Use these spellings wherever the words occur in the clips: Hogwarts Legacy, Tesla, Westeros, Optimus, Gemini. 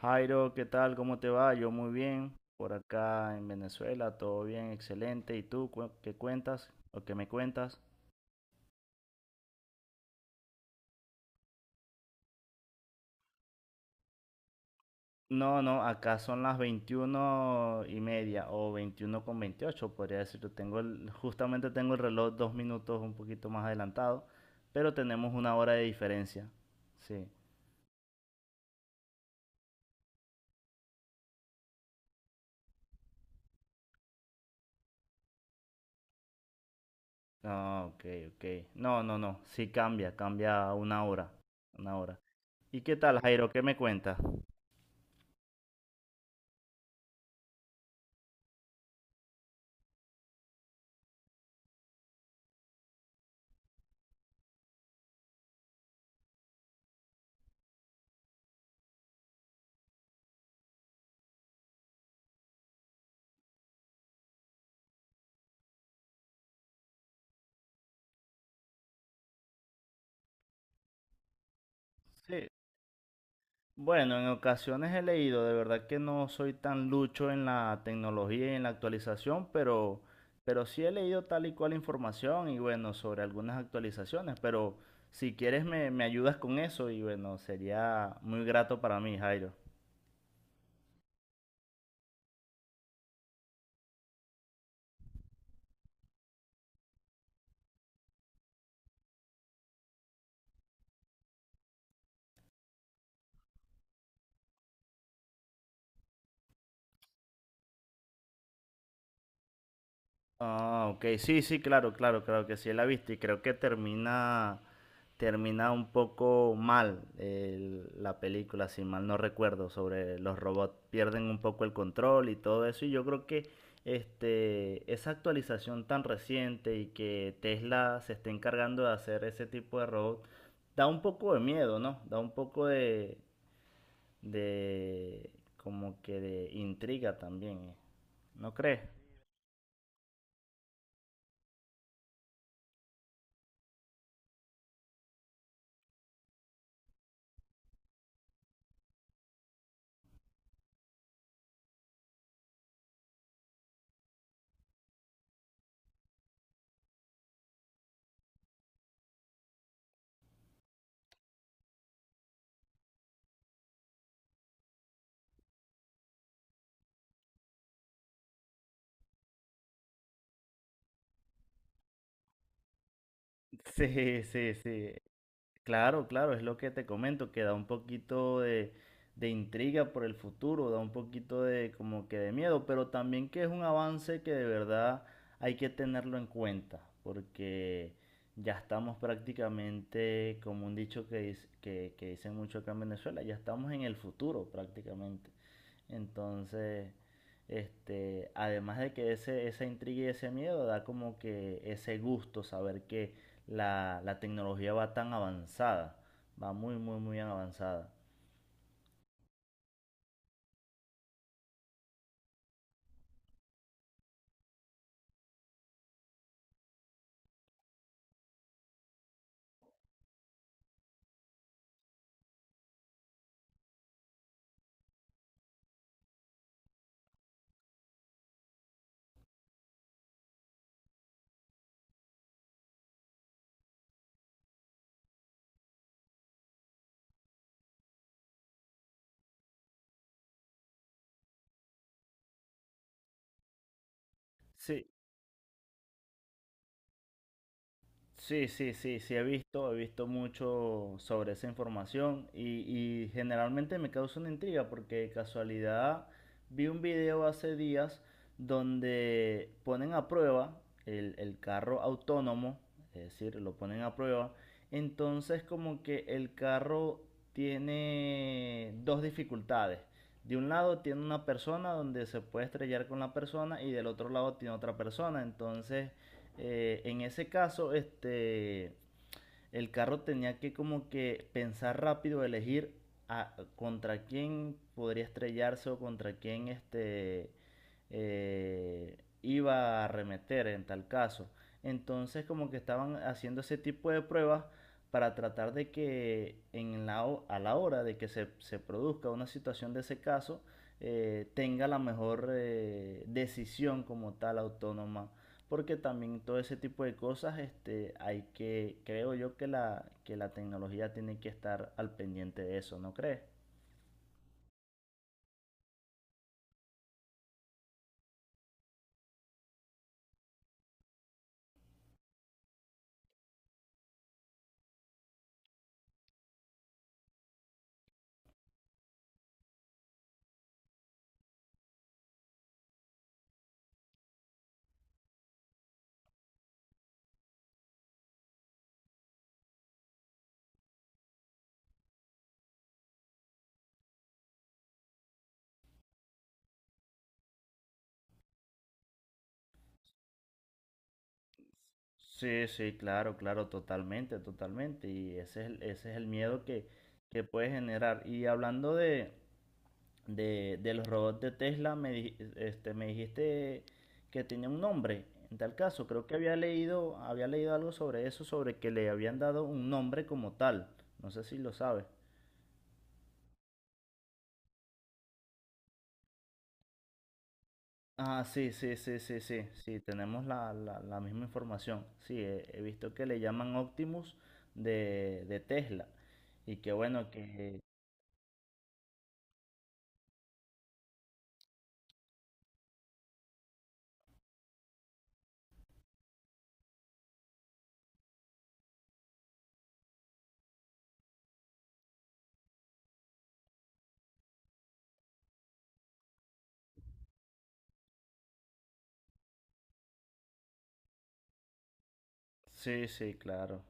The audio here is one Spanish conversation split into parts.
Jairo, ¿qué tal? ¿Cómo te va? Yo muy bien. Por acá en Venezuela, todo bien, excelente. ¿Y tú qué cuentas o qué me cuentas? No, no, acá son las 21:30 o 21:28, podría decirlo. Justamente tengo el reloj 2 minutos un poquito más adelantado, pero tenemos una hora de diferencia. Sí. No, ok, ok. No, no, no. Sí cambia, cambia una hora. Una hora. ¿Y qué tal, Jairo? ¿Qué me cuentas? Sí, bueno, en ocasiones he leído, de verdad que no soy tan lucho en la tecnología y en la actualización, pero sí he leído tal y cual información y bueno, sobre algunas actualizaciones, pero si quieres me ayudas con eso y bueno, sería muy grato para mí, Jairo. Ah, ok, sí, sí, claro, claro, claro que sí la he visto y creo que termina un poco mal la película, si mal no recuerdo, sobre los robots pierden un poco el control y todo eso y yo creo que esa actualización tan reciente y que Tesla se esté encargando de hacer ese tipo de robots da un poco de miedo, ¿no? Da un poco de como que de intriga también, ¿no crees? Sí, sí, sí. Claro, claro, es lo que te comento, que da un poquito de intriga por el futuro, da un poquito de como que de miedo, pero también que es un avance que de verdad hay que tenerlo en cuenta, porque ya estamos prácticamente, como un dicho que dicen mucho acá en Venezuela, ya estamos en el futuro prácticamente. Entonces, además de que esa intriga y ese miedo da como que ese gusto saber que la tecnología va tan avanzada, va muy, muy, muy avanzada. Sí, sí, sí, sí, sí he visto mucho sobre esa información y generalmente me causa una intriga porque de casualidad vi un video hace días donde ponen a prueba el carro autónomo, es decir, lo ponen a prueba, entonces como que el carro tiene dos dificultades. De un lado tiene una persona donde se puede estrellar con la persona y del otro lado tiene otra persona, entonces en ese caso, el carro tenía que como que pensar rápido, elegir contra quién podría estrellarse o contra quién iba a arremeter en tal caso. Entonces como que estaban haciendo ese tipo de pruebas para tratar de que a la hora de que se produzca una situación de ese caso, tenga la mejor decisión como tal autónoma porque también todo ese tipo de cosas, hay que, creo yo que que la tecnología tiene que estar al pendiente de eso, ¿no crees? Sí, sí, claro, claro, totalmente, totalmente. Ese es el miedo que puede generar. Y hablando de los robots de Tesla, me dijiste que tenía un nombre. En tal caso, creo que había leído algo sobre eso, sobre que le habían dado un nombre como tal. No sé si lo sabes. Ah, sí, sí, sí, sí, sí, sí, tenemos la misma información. Sí, he visto que le llaman Optimus de Tesla. Y que bueno, que... Sí, sí, claro.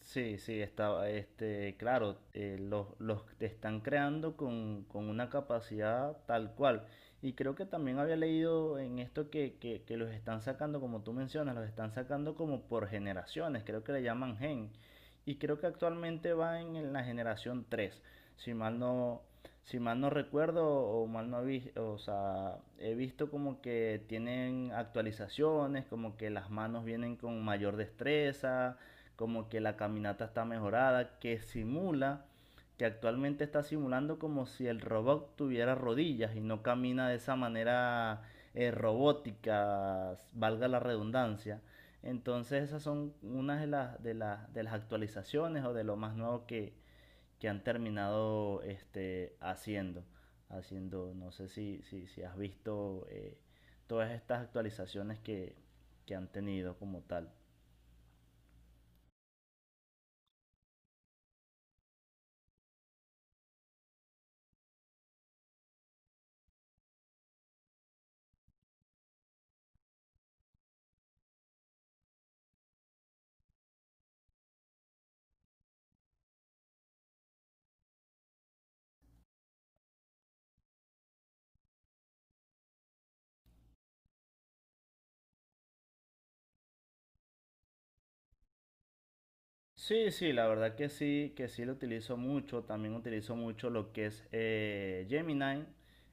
Sí, sí, está, claro, los te están creando con una capacidad tal cual. Y creo que también había leído en esto que los están sacando, como tú mencionas, los están sacando como por generaciones, creo que le llaman gen. Y creo que actualmente va en la generación 3, si mal no, si mal no recuerdo o mal no he visto, o sea, he visto como que tienen actualizaciones, como que las manos vienen con mayor destreza como que la caminata está mejorada, que simula, que actualmente está simulando como si el robot tuviera rodillas y no camina de esa manera robótica, valga la redundancia. Entonces esas son unas de las actualizaciones o de lo más nuevo que han terminado haciendo. No sé si, si has visto todas estas actualizaciones que han tenido como tal. Sí, sí, la verdad que sí lo utilizo mucho. También utilizo mucho lo que es Gemini,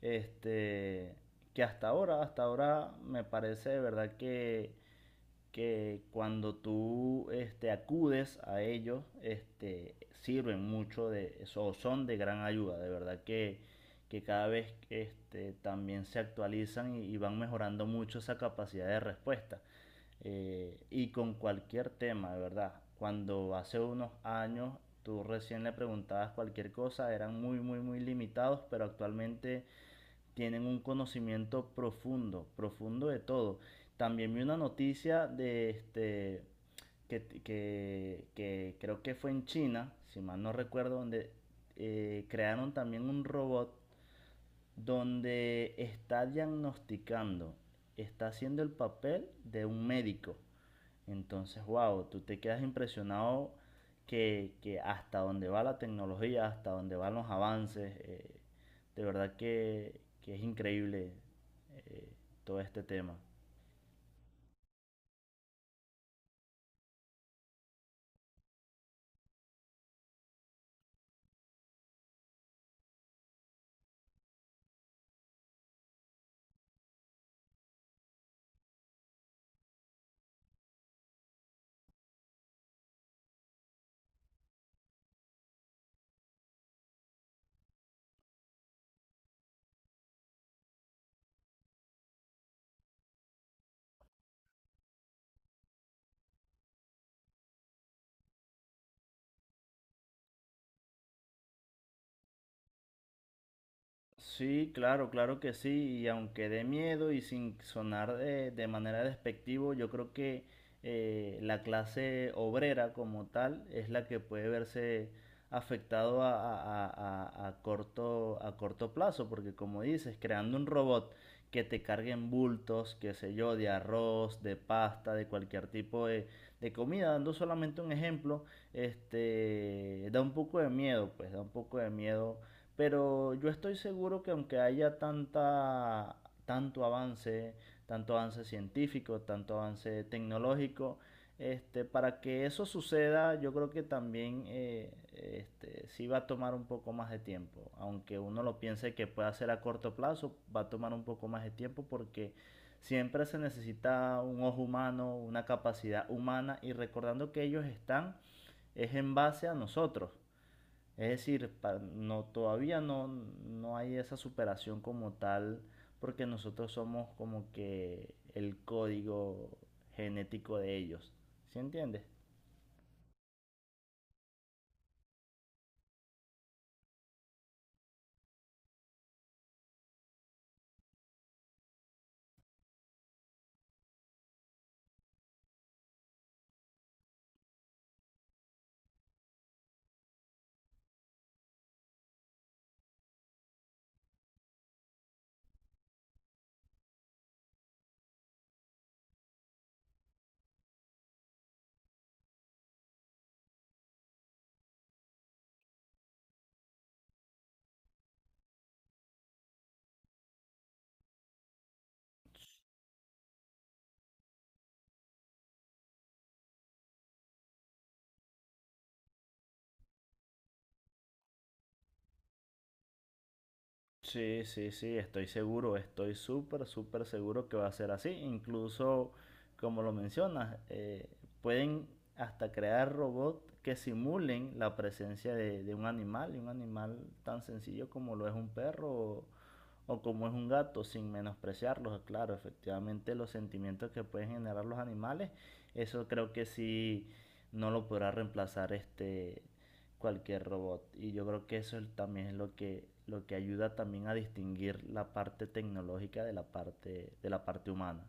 este, que hasta ahora me parece de verdad que cuando tú acudes a ellos, sirven mucho de eso, o son de gran ayuda. De verdad que cada vez también se actualizan y van mejorando mucho esa capacidad de respuesta y con cualquier tema, de verdad. Cuando hace unos años tú recién le preguntabas cualquier cosa, eran muy, muy, muy limitados, pero actualmente tienen un conocimiento profundo, profundo de todo. También vi una noticia de este que creo que fue en China, si mal no recuerdo, donde crearon también un robot donde está diagnosticando, está haciendo el papel de un médico. Entonces, wow, tú te quedas impresionado que hasta dónde va la tecnología, hasta dónde van los avances, de verdad que es increíble eh, todo este tema. Sí, claro, claro que sí, y aunque dé miedo y sin sonar de manera despectivo, yo creo que la clase obrera como tal es la que puede verse afectado a corto plazo, porque como dices, creando un robot que te cargue en bultos, qué sé yo, de arroz, de pasta, de cualquier tipo de comida, dando solamente un ejemplo, da un poco de miedo, pues da un poco de miedo pero yo estoy seguro que aunque haya tanta, tanto avance, tanto avance científico, tanto avance tecnológico, para que eso suceda, yo creo que también sí va a tomar un poco más de tiempo. Aunque uno lo piense que puede hacer a corto plazo, va a tomar un poco más de tiempo porque siempre se necesita un ojo humano, una capacidad humana y recordando que ellos están es en base a nosotros. Es decir, no, todavía no, no hay esa superación como tal, porque nosotros somos como que el código genético de ellos. ¿Sí entiendes? Sí, sí, sí, estoy seguro, estoy súper, súper seguro que va a ser así. Incluso, como lo mencionas, pueden hasta crear robots que simulen la presencia de un animal, y un animal tan sencillo como lo es un perro o como es un gato, sin menospreciarlos, claro, efectivamente los sentimientos que pueden generar los animales, eso creo que sí no lo podrá reemplazar cualquier robot. Y yo creo que eso también es lo lo que ayuda también a distinguir la parte tecnológica de la parte humana.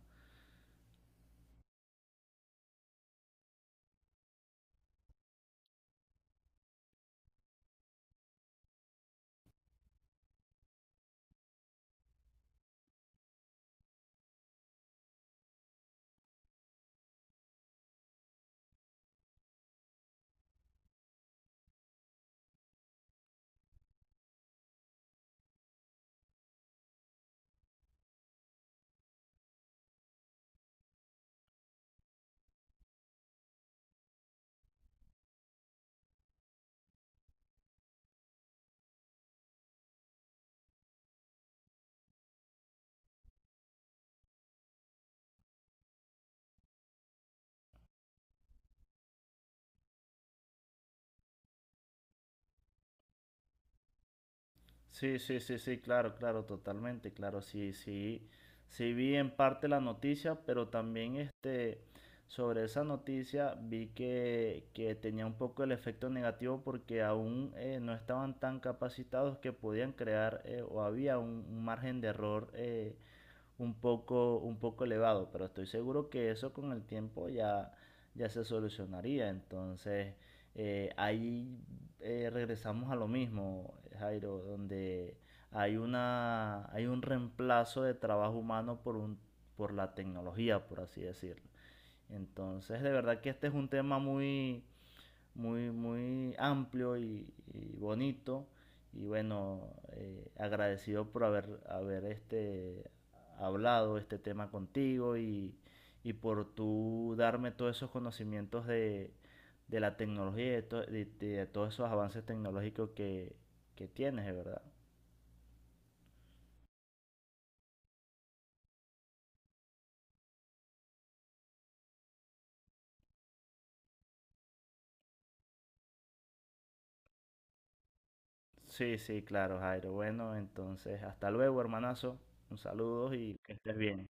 Sí, sí, sí, sí, claro, claro, totalmente, claro, sí, sí, sí vi en parte la noticia, pero también sobre esa noticia vi que tenía un poco el efecto negativo porque aún no estaban tan capacitados que podían crear o había un margen de error un poco elevado, pero estoy seguro que eso con el tiempo ya, ya se solucionaría. Entonces, ahí regresamos a lo mismo, Jairo, donde hay una, hay un reemplazo de trabajo humano por un, por la tecnología, por así decirlo. Entonces, de verdad que este es un tema muy, muy, muy amplio y bonito. Y bueno, agradecido por haber, haber hablado este tema contigo y por tú darme todos esos conocimientos de la tecnología y de todos esos avances tecnológicos que tienes, de verdad. Sí, sí, claro, Jairo. Bueno, entonces, hasta luego, hermanazo. Un saludo y que estés bien.